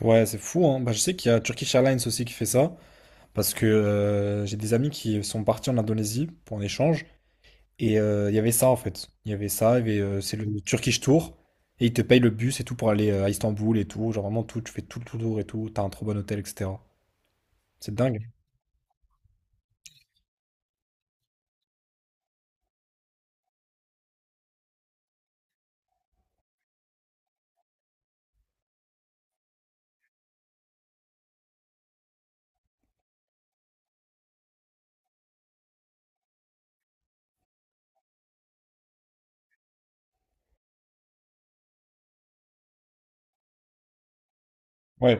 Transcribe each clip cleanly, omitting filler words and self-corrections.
Ouais, c'est fou, hein. Bah, je sais qu'il y a Turkish Airlines aussi qui fait ça, parce que j'ai des amis qui sont partis en Indonésie pour un échange, et il y avait ça en fait. Il y avait ça, c'est le Turkish Tour, et ils te payent le bus et tout pour aller à Istanbul et tout, genre vraiment tout, tu fais tout le tour et tout, t'as un trop bon hôtel, etc. C'est dingue. Ouais,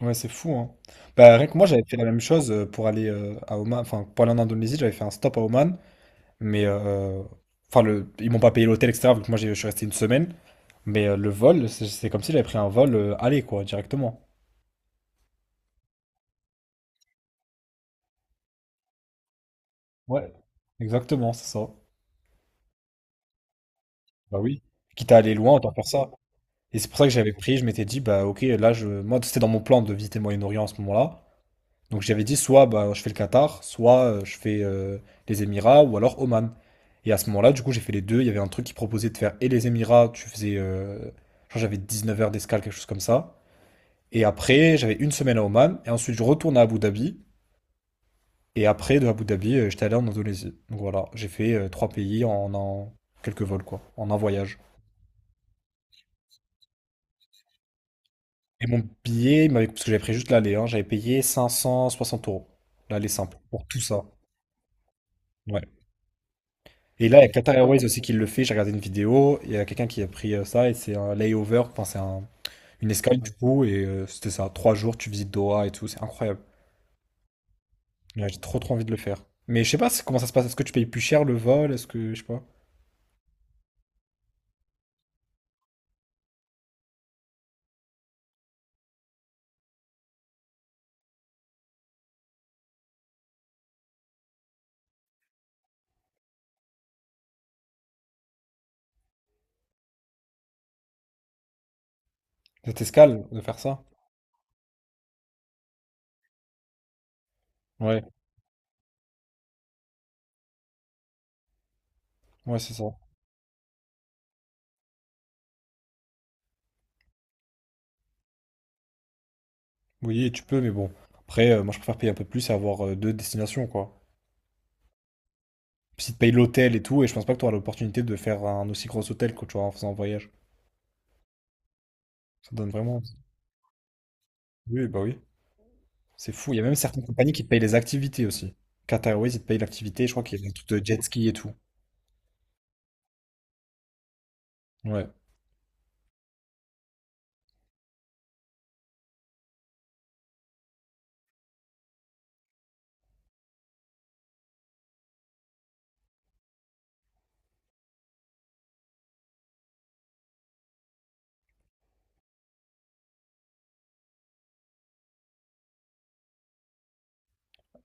ouais, c'est fou, hein. Bah, rien que moi, j'avais fait la même chose pour aller à Oman, enfin, pour aller en Indonésie, j'avais fait un stop à Oman. Mais enfin, ils m'ont pas payé l'hôtel, etc. Vu que moi, je suis resté une semaine. Mais le vol, c'est comme si j'avais pris un vol aller, quoi, directement. Ouais, exactement, c'est ça. Bah oui. Quitte à aller loin, autant faire ça. Et c'est pour ça que j'avais pris, je m'étais dit, bah ok, là, je, moi, c'était dans mon plan de visiter le Moyen-Orient à ce moment-là. Donc j'avais dit, soit bah, je fais le Qatar, soit je fais les Émirats, ou alors Oman. Et à ce moment-là, du coup, j'ai fait les deux. Il y avait un truc qui proposait de faire et les Émirats, tu faisais, je crois que j'avais 19 heures d'escale, quelque chose comme ça. Et après, j'avais une semaine à Oman, et ensuite je retourne à Abu Dhabi. Et après, de Abu Dhabi, j'étais allé en Indonésie. Donc voilà, j'ai fait trois pays en, quelques vols, quoi, en un voyage. Et mon billet, parce que j'avais pris juste l'aller, hein, j'avais payé 560 euros. L'aller simple, pour tout ça. Ouais. Et là, il y a Qatar Airways aussi qui le fait. J'ai regardé une vidéo, il y a quelqu'un qui a pris ça, et c'est un layover, enfin, une escale du coup, et c'était ça. 3 jours, tu visites Doha et tout, c'est incroyable. Ouais, j'ai trop trop envie de le faire. Mais je sais pas comment ça se passe. Est-ce que tu payes plus cher le vol? Est-ce que, je sais pas. De escale, de faire ça? Ouais, ouais, c'est ça. Oui, tu peux, mais bon. Après, moi, je préfère payer un peu plus et avoir deux destinations, quoi. Puis si tu payes l'hôtel et tout, et je pense pas que tu auras l'opportunité de faire un aussi gros hôtel que tu auras en faisant un voyage. Ça donne vraiment. Oui, bah oui. C'est fou. Il y a même certaines compagnies qui te payent les activités aussi. Qatar Airways, ils te payent l'activité. Je crois qu'il y a un truc de jet ski et tout. Ouais.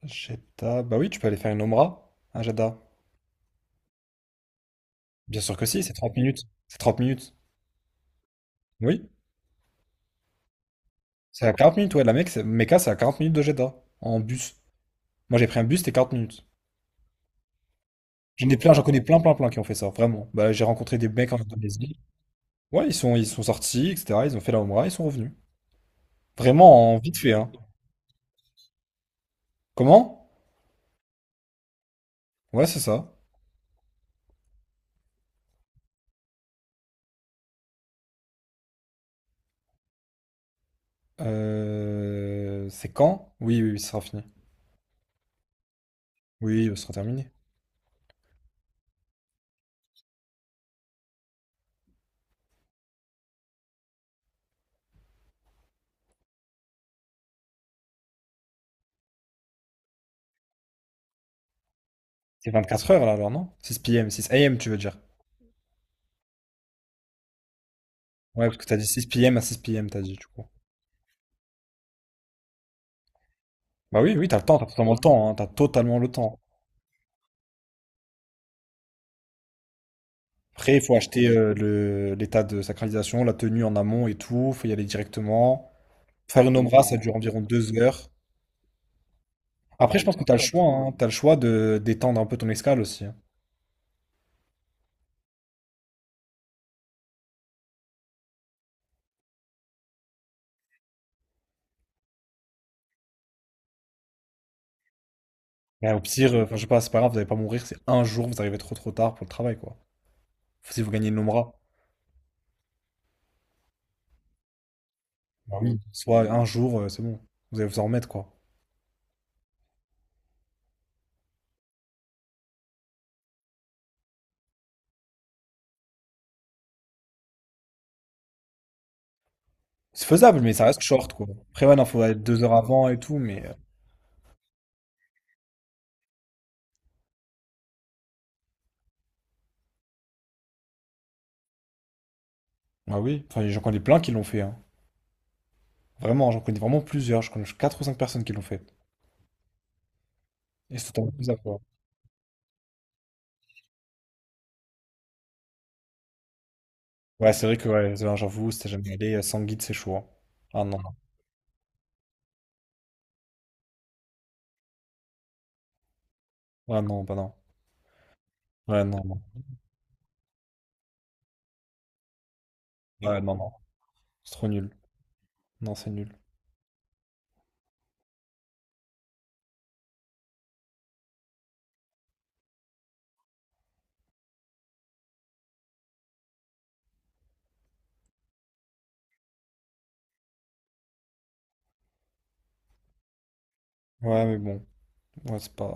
Jeddah. Bah oui, tu peux aller faire une Omra à Jeddah. Bien sûr que si, c'est 30 minutes. C'est 30 minutes. Oui. C'est à 40 minutes, ouais. La Mecque, c'est- Mecca, c'est à 40 minutes de Jeddah. En bus. Moi, j'ai pris un bus, c'était 40 minutes. J'en ai plein, j'en connais plein, plein, plein qui ont fait ça, vraiment. Bah, j'ai rencontré des mecs en Indonésie. Ouais, ils sont sortis, etc. Ils ont fait la Oumra, ils sont revenus. Vraiment, en vite fait, hein. Comment? Ouais, c'est ça. C'est quand? Oui, oui, oui, ce sera fini. Oui, oui, ce sera terminé. C'est 24 heures, là, alors, non? 6 p.m., 6 a.m., tu veux dire. Ouais, parce que t'as dit 6 p.m. à 6 p.m., t'as dit, du coup. Bah oui, oui, t'as le temps, t'as totalement le temps, hein, t'as totalement le temps. Après, il faut acheter l'état de sacralisation, la tenue en amont et tout, faut y aller directement. Faire une omra, ça dure environ 2 heures. Après, je pense que t'as le choix, hein. T'as le choix de d'étendre un peu ton escale aussi, hein. Et au pire, enfin, je sais pas, c'est pas grave, vous allez pas mourir, c'est un jour, vous arrivez trop trop tard pour le travail, quoi. Si vous gagnez le Nomra, bah oui, soit un jour, c'est bon, vous allez vous en remettre, quoi. C'est faisable, mais ça reste short, quoi. Après, ouais, non, faut être 2 heures avant et tout, mais, bah oui, enfin, j'en connais plein qui l'ont fait, hein. Vraiment, j'en connais vraiment plusieurs, je connais 4 ou 5 personnes qui l'ont fait. Et c'est totalement faisable, quoi. Ouais, c'est vrai que, ouais, j'avoue, si t'es jamais allé, sans guide, c'est chaud, hein. Ah non, non. Ah non, bah non. Ouais, non, non. Ouais, non, non. C'est trop nul. Non, c'est nul. Ouais, mais bon, ouais, c'est pas.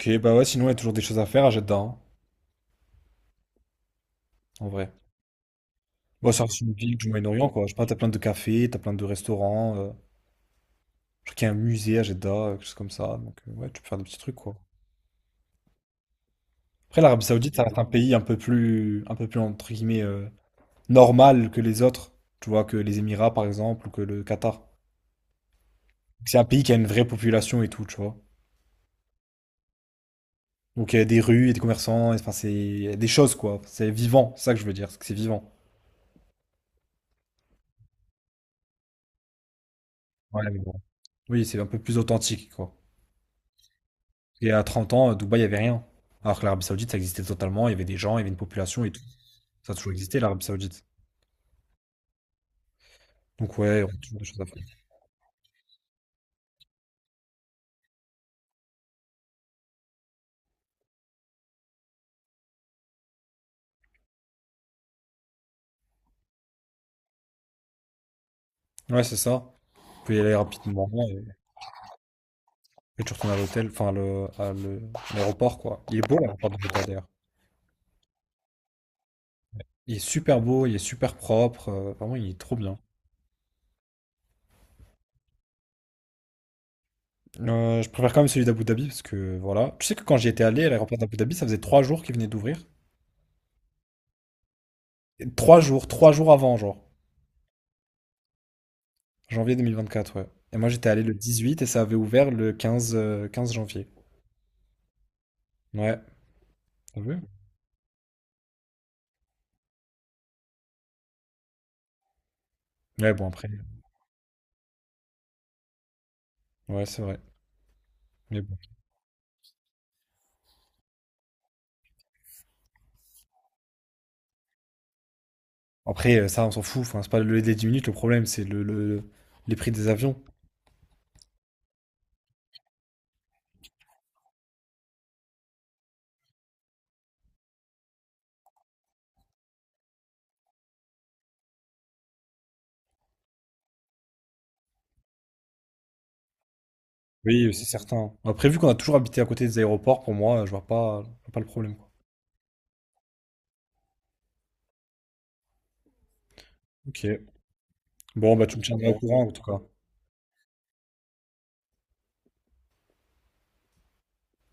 Ok, bah ouais, sinon il y a toujours des choses à faire à Jeddah, hein, en vrai. Bon, ça reste une ville du Moyen-Orient, quoi. Je sais pas, t'as plein de cafés, t'as plein de restaurants. Je crois qu'il y a un musée à Jeddah, quelque chose comme ça. Donc ouais, tu peux faire des petits trucs, quoi. Après, l'Arabie Saoudite, ça reste un pays un peu plus entre guillemets normal que les autres. Tu vois, que les Émirats, par exemple, ou que le Qatar. C'est un pays qui a une vraie population et tout, tu vois. Donc il y a des rues, il y a des commerçants, enfin c'est il y a des choses, quoi. C'est vivant, c'est ça que je veux dire, c'est que c'est vivant. Ouais, mais bon. Oui, c'est un peu plus authentique, quoi. Et à 30 ans, à Dubaï, il y avait rien. Alors que l'Arabie Saoudite, ça existait totalement. Il y avait des gens, il y avait une population et tout. Ça a toujours existé, l'Arabie Saoudite. Donc, ouais, on a toujours des choses à faire. Ouais, c'est ça. Tu peux y aller rapidement et, tu retournes à l'hôtel, enfin, l'aéroport, quoi. Il est beau, l'aéroport de Dubaï, d'ailleurs. Il est super beau, il est super propre. Vraiment, il est trop bien. Je préfère quand même celui d'Abu Dhabi parce que voilà. Tu sais que quand j'y étais allé à l'aéroport d'Abu Dhabi, ça faisait 3 jours qu'il venait d'ouvrir. Et trois jours, 3 jours avant, genre. Janvier 2024, ouais. Et moi j'étais allé le 18 et ça avait ouvert le 15, 15 janvier. Ouais, t'as vu? Ouais, bon, après, ouais, c'est vrai. Mais bon. Après, ça, on s'en fout. Enfin, c'est pas le délai, les 10 minutes, le problème, c'est les prix des avions. Oui, c'est certain. Après, vu qu'on a toujours habité à côté des aéroports, pour moi, je vois pas le problème, quoi. Ok. Bon, bah, tu me tiendras au courant, en tout cas.